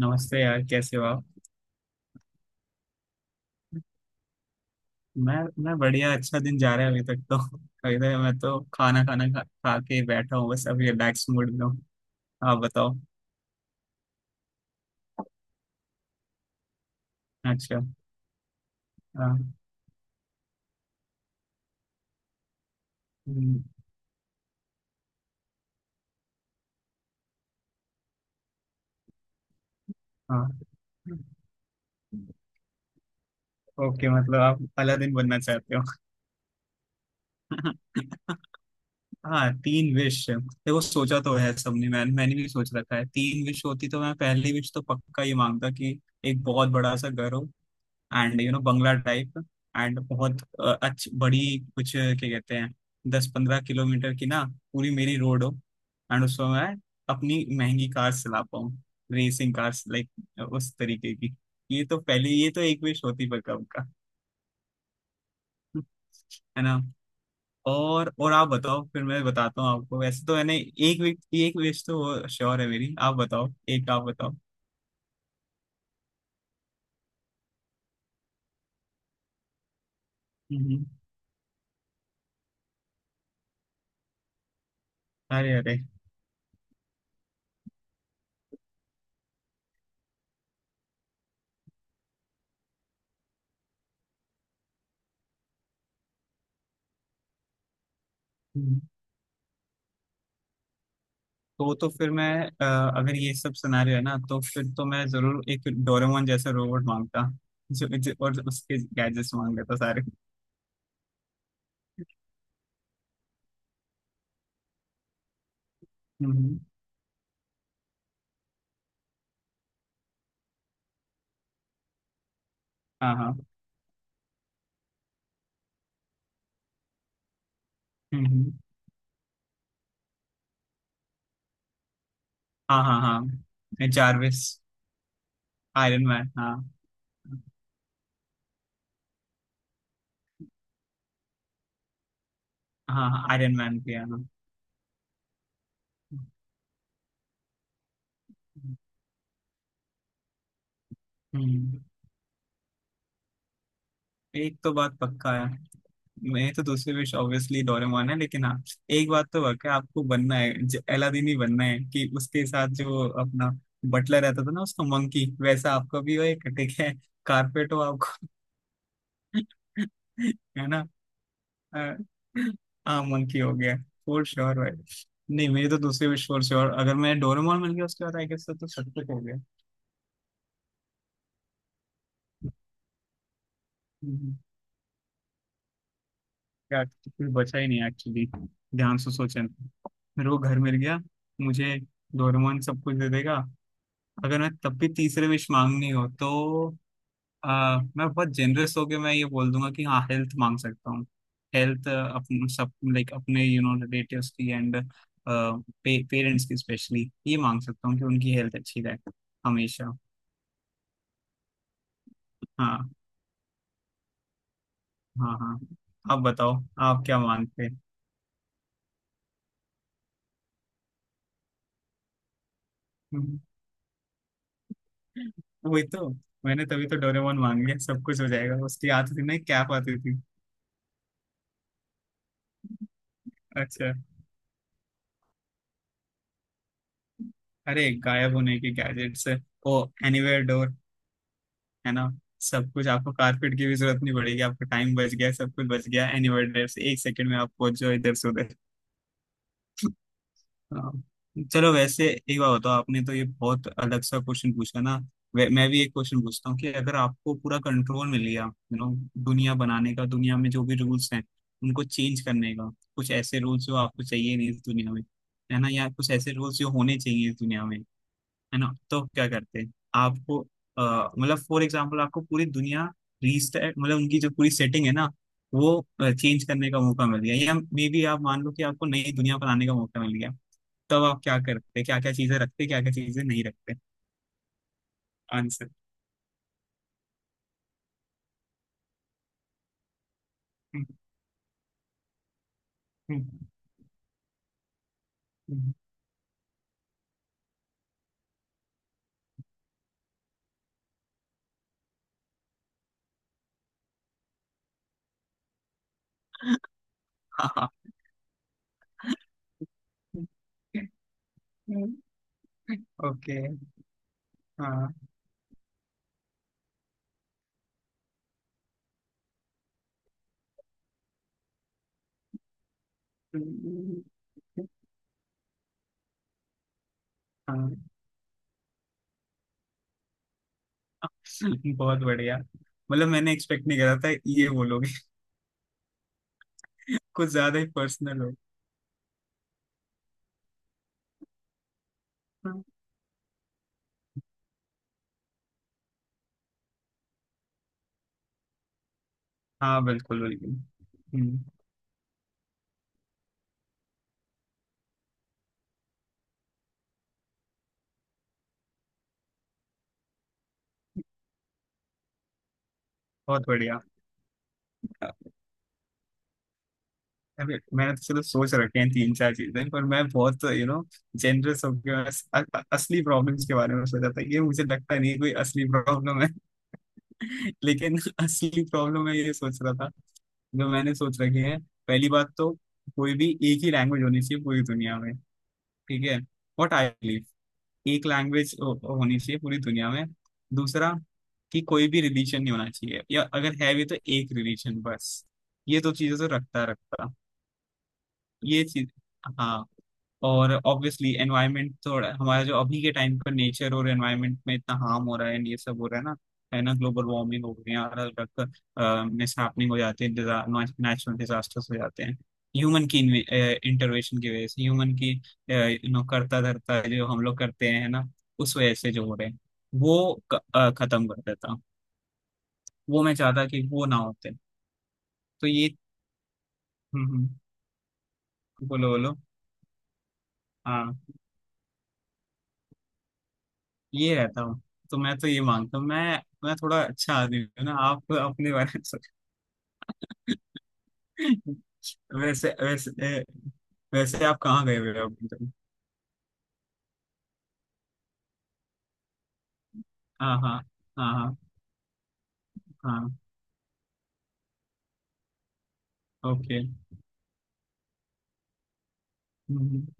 नमस्ते यार, कैसे हो आप। मैं मैं बढ़िया, अच्छा दिन जा रहा है अभी तक तो। अभी तक मैं तो खाना खाना खा, खा के ही बैठा हूँ, बस अभी रिलैक्स मूड में हूँ। आप बताओ। अच्छा। हाँ। हम्म। हाँ, ओके, मतलब आप अलादीन बनना चाहते हो। हाँ, तीन विश, देखो सोचा तो है सबने, मैंने भी सोच रखा है, तीन विश होती तो मैं पहली विश तो पक्का ही मांगता कि एक बहुत बड़ा सा घर हो। एंड यू नो, बंगला टाइप। एंड बहुत अच्छी बड़ी कुछ क्या कहते हैं, दस पंद्रह किलोमीटर की ना पूरी मेरी रोड हो। एंड उसमें मैं अपनी महंगी कार चला पाऊँ, रेसिंग कार्स, लाइक उस तरीके की। ये तो पहले, ये तो एक विश होती पर कब का, है ना। और आप बताओ, फिर मैं बताता हूँ आपको। वैसे तो मैंने एक विश, एक विश तो श्योर है मेरी। आप बताओ, एक आप बताओ। हम्म, हम्म। अरे अरे। तो फिर मैं, अगर ये सब सिनेरियो है ना तो फिर तो मैं जरूर एक डोरेमोन जैसा रोबोट मांगता, जो और उसके गैजेट्स मांग लेता सारे। हम्म। हाँ हाँ। हम्म हम्म। हाँ हाँ हाँ, जारविस। आयरन मैन, हाँ। हाँ हाँ, आयरन मैन भी है, हाँ। हम्म। एक तो बात पक्का है, मेरी तो दूसरी विश ऑब्वियसली डोरेमोन है, लेकिन हाँ, एक बात तो वाकई आपको बनना है, ज- अलादीन ही बनना है कि उसके साथ जो अपना बटलर रहता था ना, उसका मंकी, वैसा आपका भी हो एक, ठीक है। कारपेट हो आपको। है ना। अ, हाँ, मंकी हो गया। फोर श्योर भाई। नहीं, मेरी तो दूसरी विश फोर श्योर, अगर मैं डोरेमोन मिल गया उसके बाद आई गेस तो सब कुछ हो गया। हम्म। क्या, कुछ बचा ही नहीं एक्चुअली। ध्यान से सोचें। मेरे को घर मिल गया, मुझे डोरेमोन सब कुछ दे देगा। अगर मैं तब भी तीसरे विश मांगनी हो तो, मैं बहुत जेनरस होके मैं ये बोल दूंगा कि हाँ, हेल्थ मांग सकता हूँ। हेल्थ अपने सब, लाइक अपने यू नो रिलेटिव्स की, एंड पेरेंट्स की स्पेशली, ये मांग सकता हूँ कि उनकी हेल्थ अच्छी रहे हमेशा। हाँ। हाँ हाँ। आप बताओ, आप क्या मांगते हैं? वही तो, मैंने तभी तो डोरेमोन मांग लिया, सब कुछ हो जाएगा, उसकी आती थी ना कैप आती थी। अच्छा। अरे, गायब होने के गैजेट्स, ओ एनीवेयर डोर, है ना, सब कुछ। आपको कारपेट की भी जरूरत नहीं पड़ेगी, आपका टाइम बच गया, सब कुछ बच गया, एनी से एक सेकंड में आप पहुंच जाओ इधर से उधर। हाँ। चलो, वैसे एक बात बताओ, आपने तो ये बहुत अलग सा क्वेश्चन पूछा ना, वे- मैं भी एक क्वेश्चन पूछता हूँ कि अगर आपको पूरा कंट्रोल मिल गया, यू नो, दुनिया बनाने का, दुनिया में जो भी रूल्स हैं उनको चेंज करने का, कुछ ऐसे रूल्स जो आपको चाहिए नहीं इस दुनिया में, है ना, या कुछ ऐसे रूल्स जो होने चाहिए इस दुनिया में। है ना, तो क्या करते हैं आपको, मतलब फॉर एग्जाम्पल आपको पूरी दुनिया रीस्टार्ट, मतलब उनकी जो पूरी सेटिंग है ना, वो चेंज करने का मौका मिल गया, या मे बी आप मान लो कि आपको नई दुनिया बनाने का मौका मिल गया, तब आप क्या करते, क्या क्या चीजें रखते, क्या क्या चीजें नहीं रखते। आंसर। हाँ। ओके। हाँ हाँ। बहुत बढ़िया, मतलब मैंने एक्सपेक्ट नहीं करा था ये बोलोगे। कुछ ज्यादा ही पर्सनल हो। हाँ, बिल्कुल बिल्कुल। हम्म। बहुत बढ़िया। अभी मैंने तो चलो सोच रखे हैं तीन चार चीजें, पर मैं बहुत यू नो जेनरस होकर असली प्रॉब्लम्स के बारे में सोचा था। ये मुझे लगता नहीं है कोई असली प्रॉब्लम है। लेकिन असली प्रॉब्लम मैं ये सोच रहा था, जो मैंने सोच रखी है, पहली बात तो कोई भी एक ही लैंग्वेज होनी चाहिए पूरी दुनिया में। ठीक है, व्हाट आई, एक लैंग्वेज होनी चाहिए पूरी दुनिया में। दूसरा, कि कोई भी रिलीजन नहीं होना चाहिए, या अगर है भी तो एक रिलीजन बस। ये दो चीजें तो रखता रखता ये चीज। हाँ। और ऑब्वियसली एनवायरनमेंट, थोड़ा हमारा जो अभी के टाइम पर नेचर और एनवायरनमेंट में इतना हार्म हो रहा है and ये सब हो रहा है ना, है ना, ग्लोबल वार्मिंग हो गई है, अलग अलग मिसहैपनिंग हो जाते हैं, नेचुरल डिजास्टर्स हो जाते हैं, ह्यूमन की इंटरवेंशन की वजह से, ह्यूमन की यू नो करता धरता जो हम लोग करते हैं ना, उस वजह से जो हो रहे हैं वो खत्म कर देता हूँ। वो मैं चाहता कि वो ना होते। तो ये। हम्म। बोलो बोलो। हाँ। ये रहता हूँ, तो मैं तो ये मानता हूँ मैं थोड़ा अच्छा आदमी हूँ ना, आप अपने बारे में सोच-, वैसे वैसे वैसे आप कहाँ गए हुए हो अभी तक। हाँ हाँ। हाँ हाँ। हाँ, okay. Hmm.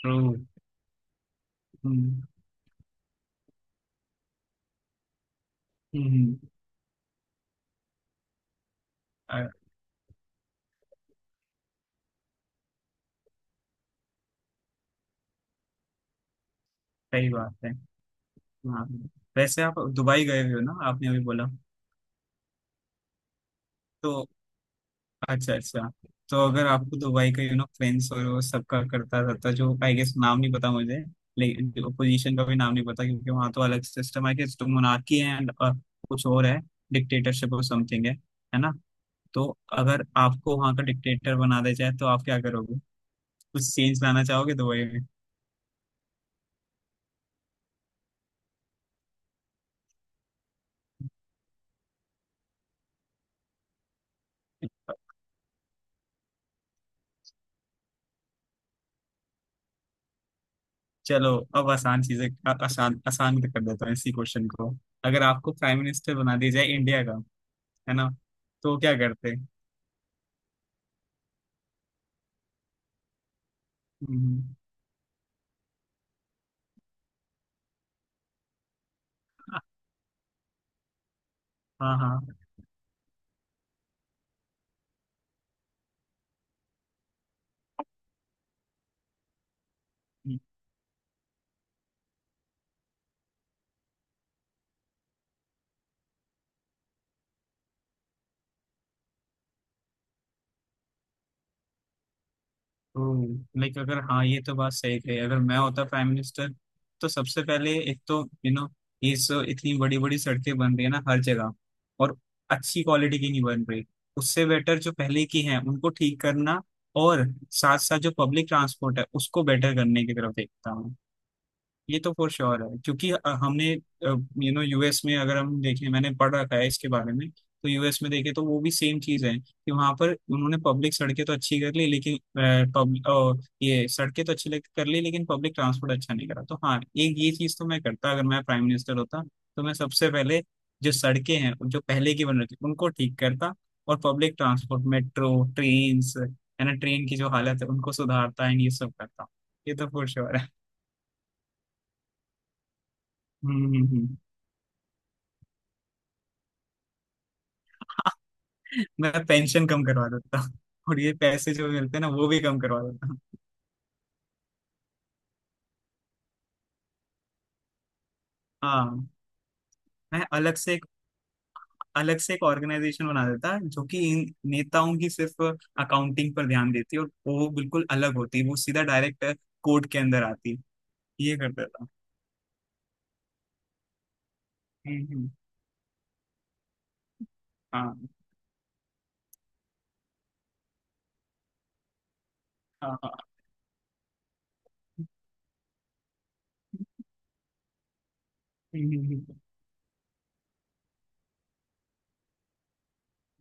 True. Hmm hmm. अ, सही बात है। हाँ। वैसे आप दुबई गए हुए हो ना, आपने अभी बोला। तो अच्छा अच्छा, तो अगर आपको दुबई का, यू नो, फ्रेंड्स और वो सबका करता रहता जो, आई गेस नाम नहीं पता मुझे, लेकिन पोजीशन का भी नाम नहीं पता, क्योंकि वहाँ तो अलग सिस्टम है कि, तो मोनार्की है एंड कुछ और है, डिक्टेटरशिप और समथिंग है ना, तो अगर आपको वहाँ का डिक्टेटर बना दिया जाए तो आप क्या करोगे, कुछ चेंज लाना चाहोगे दुबई में। चलो अब आसान चीजें, आ- आसान आसान कर देता हूँ इसी क्वेश्चन को। अगर आपको प्राइम मिनिस्टर बना दिया जाए इंडिया का, है ना, तो क्या करते। हम्म। हाँ हाँ। लाइक अगर, हाँ ये तो बात सही कही, अगर मैं होता प्राइम मिनिस्टर, तो सबसे पहले एक तो यू नो ये सो, इतनी बड़ी बड़ी सड़कें बन रही है ना हर जगह, और अच्छी क्वालिटी की नहीं बन रही, उससे बेटर जो पहले की हैं उनको ठीक करना, और साथ साथ जो पब्लिक ट्रांसपोर्ट है उसको बेटर करने की तरफ देखता हूँ। ये तो फॉर श्योर है, क्योंकि हमने यू नो यूएस में अगर हम देखें, मैंने पढ़ रखा है इसके बारे में, तो यूएस में देखें तो वो भी सेम चीज है कि वहां पर उन्होंने पब्लिक सड़कें तो अच्छी कर ली लेकिन, पब्लिक ये सड़कें तो अच्छी लग- कर ली लेकिन पब्लिक ट्रांसपोर्ट अच्छा नहीं करा, तो हाँ एक ये चीज तो मैं करता अगर मैं प्राइम मिनिस्टर होता, तो मैं सबसे पहले जो सड़कें हैं जो पहले की बन रखी उनको ठीक करता, और पब्लिक ट्रांसपोर्ट मेट्रो, ट्रेन, है ना, ट्रेन की जो हालत है उनको सुधारता एंड ये सब करता। ये तो फॉर श्योर है। हम्म हम्म हम्म। मैं पेंशन कम करवा देता हूँ, और ये पैसे जो मिलते हैं ना वो भी कम करवा देता हूँ। हाँ। मैं अलग से एक, अलग से एक ऑर्गेनाइजेशन बना देता जो कि इन नेताओं की सिर्फ अकाउंटिंग पर ध्यान देती है, और वो बिल्कुल अलग होती, वो सीधा डायरेक्ट कोर्ट के अंदर आती, ये कर देता। हम्म। हाँ हाँ हाँ। हम्म।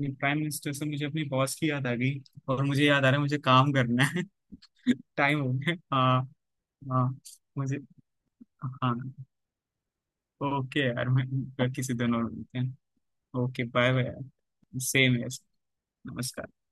हम्म। प्राइम मिनिस्टर से मुझे अपनी बॉस की याद आ गई, और मुझे याद आ रहा है मुझे काम करना है। टाइम हो गया, हाँ। हाँ। मुझे, हाँ, ओके यार, मैं, फिर किसी दिन और मिलते हैं। Okay bye bye. सेम है। नमस्कार।